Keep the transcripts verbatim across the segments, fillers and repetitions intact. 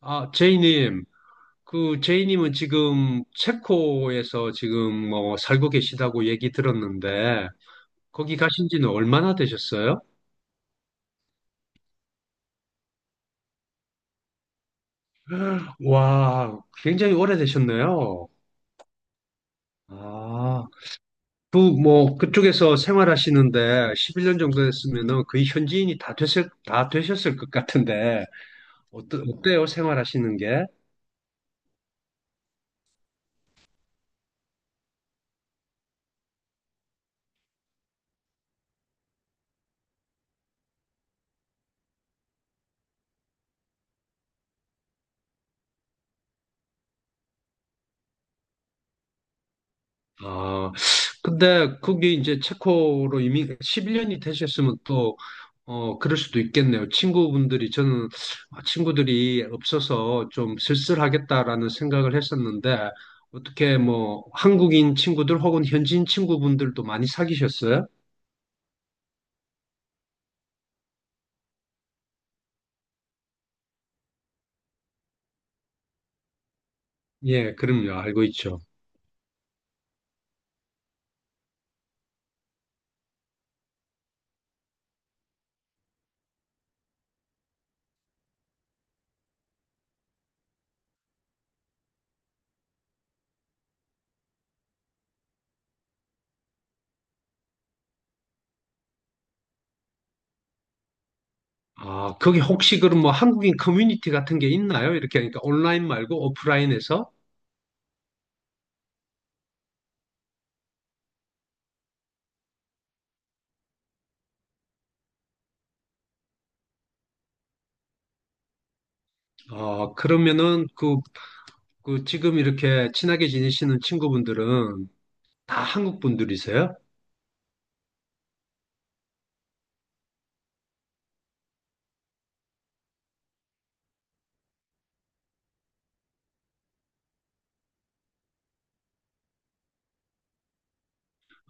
아, 제이님, 그 제이님은 지금 체코에서 지금 뭐 살고 계시다고 얘기 들었는데 거기 가신 지는 얼마나 되셨어요? 와, 굉장히 오래되셨네요. 아, 그 뭐 그쪽에서 생활하시는데 십일 년 정도 됐으면은 거의 현지인이 다 됐을 다 되셨을 것 같은데 어떠, 어때요? 생활하시는 게? 아, 근데 그게 이제 체코로 이미 십일 년이 되셨으면 또, 어, 그럴 수도 있겠네요. 친구분들이, 저는 아, 친구들이 없어서 좀 쓸쓸하겠다라는 생각을 했었는데, 어떻게 뭐 한국인 친구들 혹은 현지인 친구분들도 많이 사귀셨어요? 예, 그럼요. 알고 있죠. 아, 거기 혹시 그럼 뭐 한국인 커뮤니티 같은 게 있나요? 이렇게 하니까 온라인 말고 오프라인에서? 아, 그러면은 그 그 지금 이렇게 친하게 지내시는 친구분들은 다 한국 분들이세요?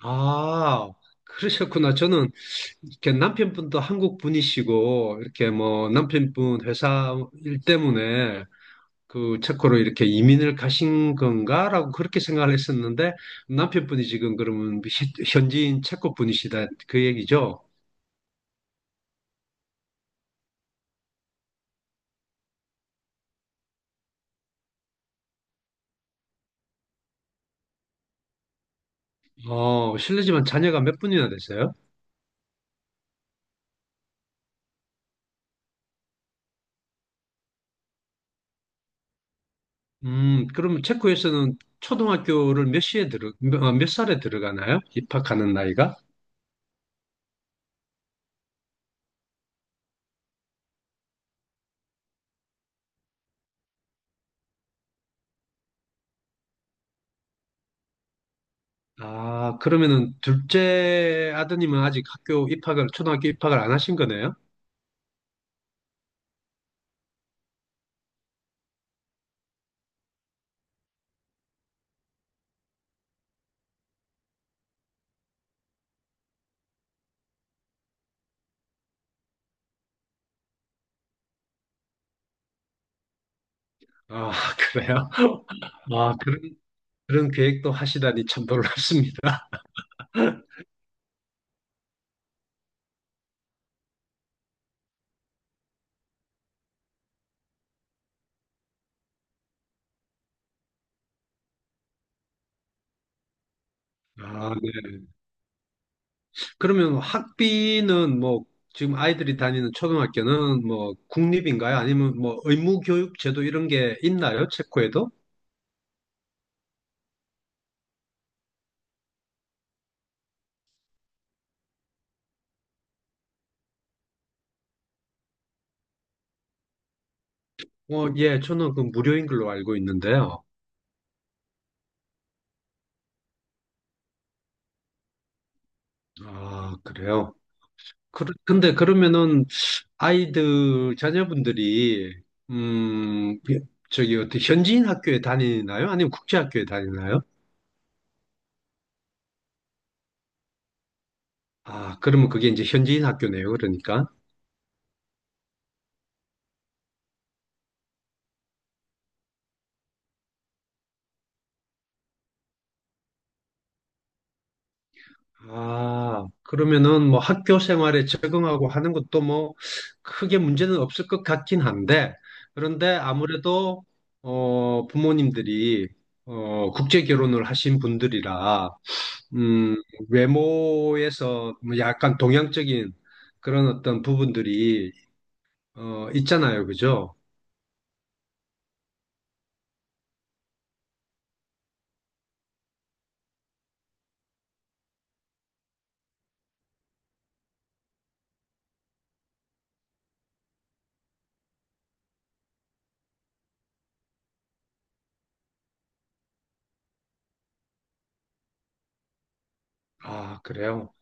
아, 그러셨구나. 저는 이렇게 남편분도 한국 분이시고 이렇게 뭐 남편분 회사 일 때문에 그 체코로 이렇게 이민을 가신 건가라고 그렇게 생각을 했었는데 남편분이 지금 그러면 시- 현지인 체코 분이시다 그 얘기죠? 어, 실례지만 자녀가 몇 분이나 되세요? 음, 그러면 체코에서는 초등학교를 몇 시에 들어, 몇, 아, 몇 살에 들어가나요? 입학하는 나이가? 아, 그러면은 둘째 아드님은 아직 학교 입학을, 초등학교 입학을 안 하신 거네요? 아, 그래요? 아, 그런, 그런 계획도 하시다니 참 놀랍습니다. 아, 네. 그러면 학비는 뭐, 지금 아이들이 다니는 초등학교는 뭐, 국립인가요? 아니면 뭐, 의무교육 제도 이런 게 있나요? 체코에도? 어, 예, 저는 그 무료인 걸로 알고 있는데요. 아, 그래요? 그, 근데 그러면은 아이들, 자녀분들이, 음, 저기, 어떻게 현지인 학교에 다니나요? 아니면 국제학교에 다니나요? 아, 그러면 그게 이제 현지인 학교네요, 그러니까. 아, 그러면은 뭐 학교 생활에 적응하고 하는 것도 뭐 크게 문제는 없을 것 같긴 한데, 그런데 아무래도, 어, 부모님들이, 어, 국제 결혼을 하신 분들이라, 음, 외모에서 뭐 약간 동양적인 그런 어떤 부분들이 어, 있잖아요. 그죠? 아, 그래요.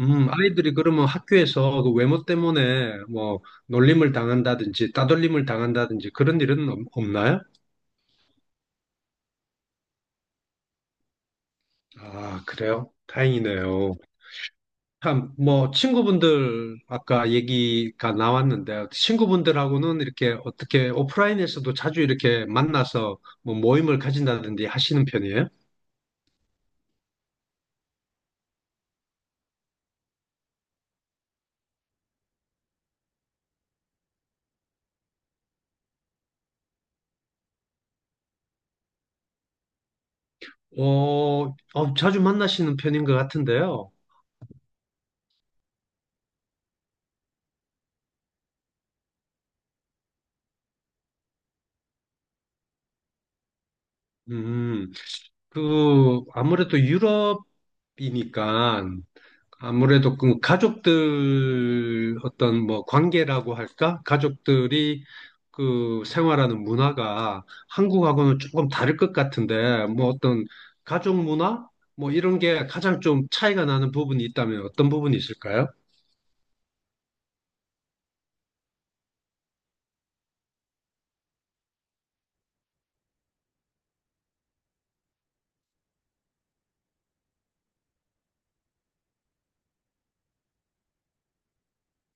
음, 아이들이 그러면 학교에서 그 외모 때문에 뭐 놀림을 당한다든지 따돌림을 당한다든지 그런 일은 없- 없나요? 아, 그래요? 다행이네요. 참, 뭐, 친구분들, 아까 얘기가 나왔는데, 친구분들하고는 이렇게 어떻게 오프라인에서도 자주 이렇게 만나서 뭐 모임을 가진다든지 하시는 편이에요? 어, 어, 자주 만나시는 편인 것 같은데요. 음, 그, 아무래도 유럽이니까, 아무래도 그 가족들 어떤 뭐 관계라고 할까? 가족들이 그 생활하는 문화가 한국하고는 조금 다를 것 같은데, 뭐 어떤 가족 문화? 뭐 이런 게 가장 좀 차이가 나는 부분이 있다면 어떤 부분이 있을까요?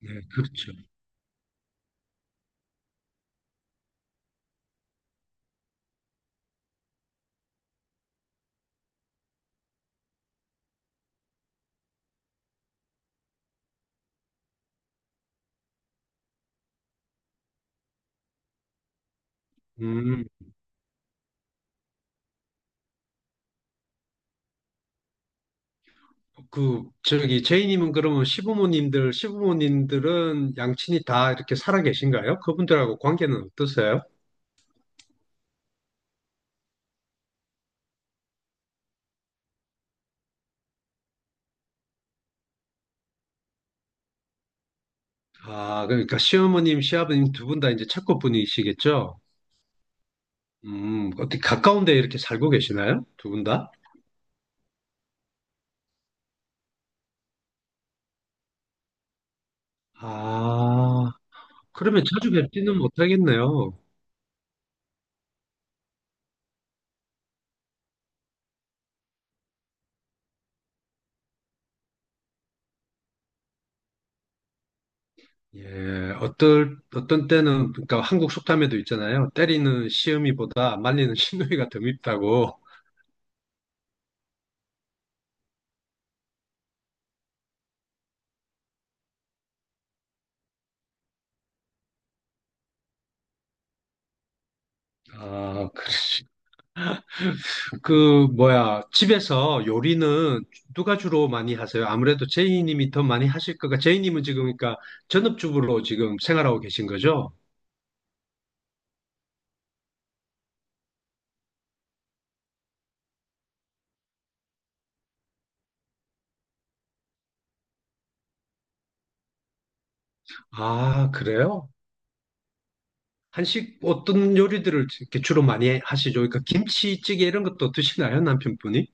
네, 그렇죠. 음. 그 저기 제이님은 그러면 시부모님들 시부모님들은 양친이 다 이렇게 살아 계신가요? 그분들하고 관계는 어떠세요? 아, 그러니까 시어머님 시아버님 두 분 다 이제 착고분이시겠죠? 음, 어떻게 가까운데 이렇게 살고 계시나요? 두 분 다? 아, 그러면 자주 뵙지는 못하겠네요. 예, 어떨 어떤 때는 그러니까 한국 속담에도 있잖아요. 때리는 시어미보다 말리는 시누이가 더 밉다고. 아, 그러시. 그 뭐야 집에서 요리는 누가 주로 많이 하세요? 아무래도 제이님이 더 많이 하실 거가 제이님은 지금 그러니까 전업주부로 지금 생활하고 계신 거죠? 아, 그래요? 한식 어떤 요리들을 이렇게 주로 많이 하시죠? 그러니까 김치찌개 이런 것도 드시나요, 남편분이?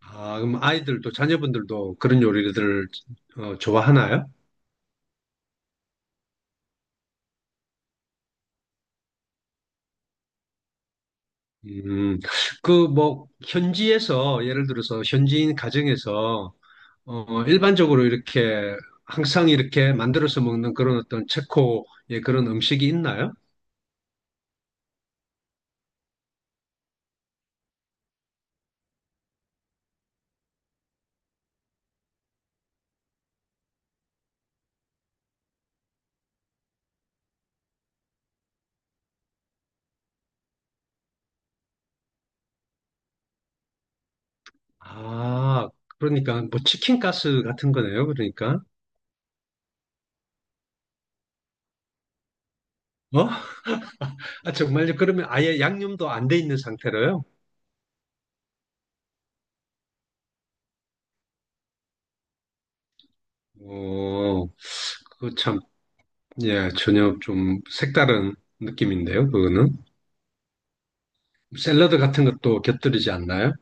아, 그럼 아이들도 자녀분들도 그런 요리들을 어, 좋아하나요? 음, 그 뭐 현지에서 예를 들어서 현지인 가정에서 어, 일반적으로 이렇게 항상 이렇게 만들어서 먹는 그런 어떤 체코의 그런 음식이 있나요? 아, 그러니까 뭐 치킨 가스 같은 거네요. 그러니까. 어? 아, 정말요? 그러면 아예 양념도 안 돼 있는 상태로요? 어, 그거 참, 예, 전혀 좀 색다른 느낌인데요, 그거는. 샐러드 같은 것도 곁들이지 않나요?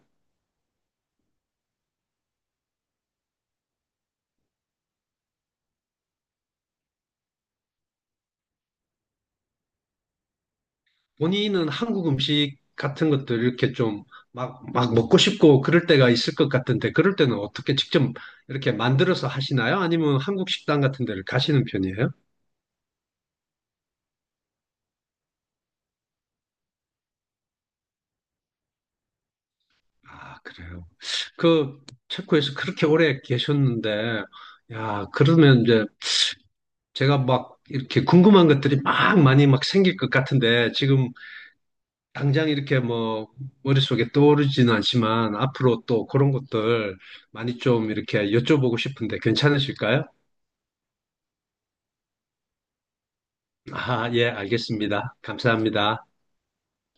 본인은 한국 음식 같은 것들 이렇게 좀 막, 막 먹고 싶고 그럴 때가 있을 것 같은데, 그럴 때는 어떻게 직접 이렇게 만들어서 하시나요? 아니면 한국 식당 같은 데를 가시는 편이에요? 아, 그래요. 그, 체코에서 그렇게 오래 계셨는데, 야, 그러면 이제 제가 막 이렇게 궁금한 것들이 막 많이 막 생길 것 같은데, 지금 당장 이렇게 뭐 머릿속에 떠오르지는 않지만 앞으로 또 그런 것들 많이 좀 이렇게 여쭤보고 싶은데 괜찮으실까요? 아, 예, 알겠습니다. 감사합니다.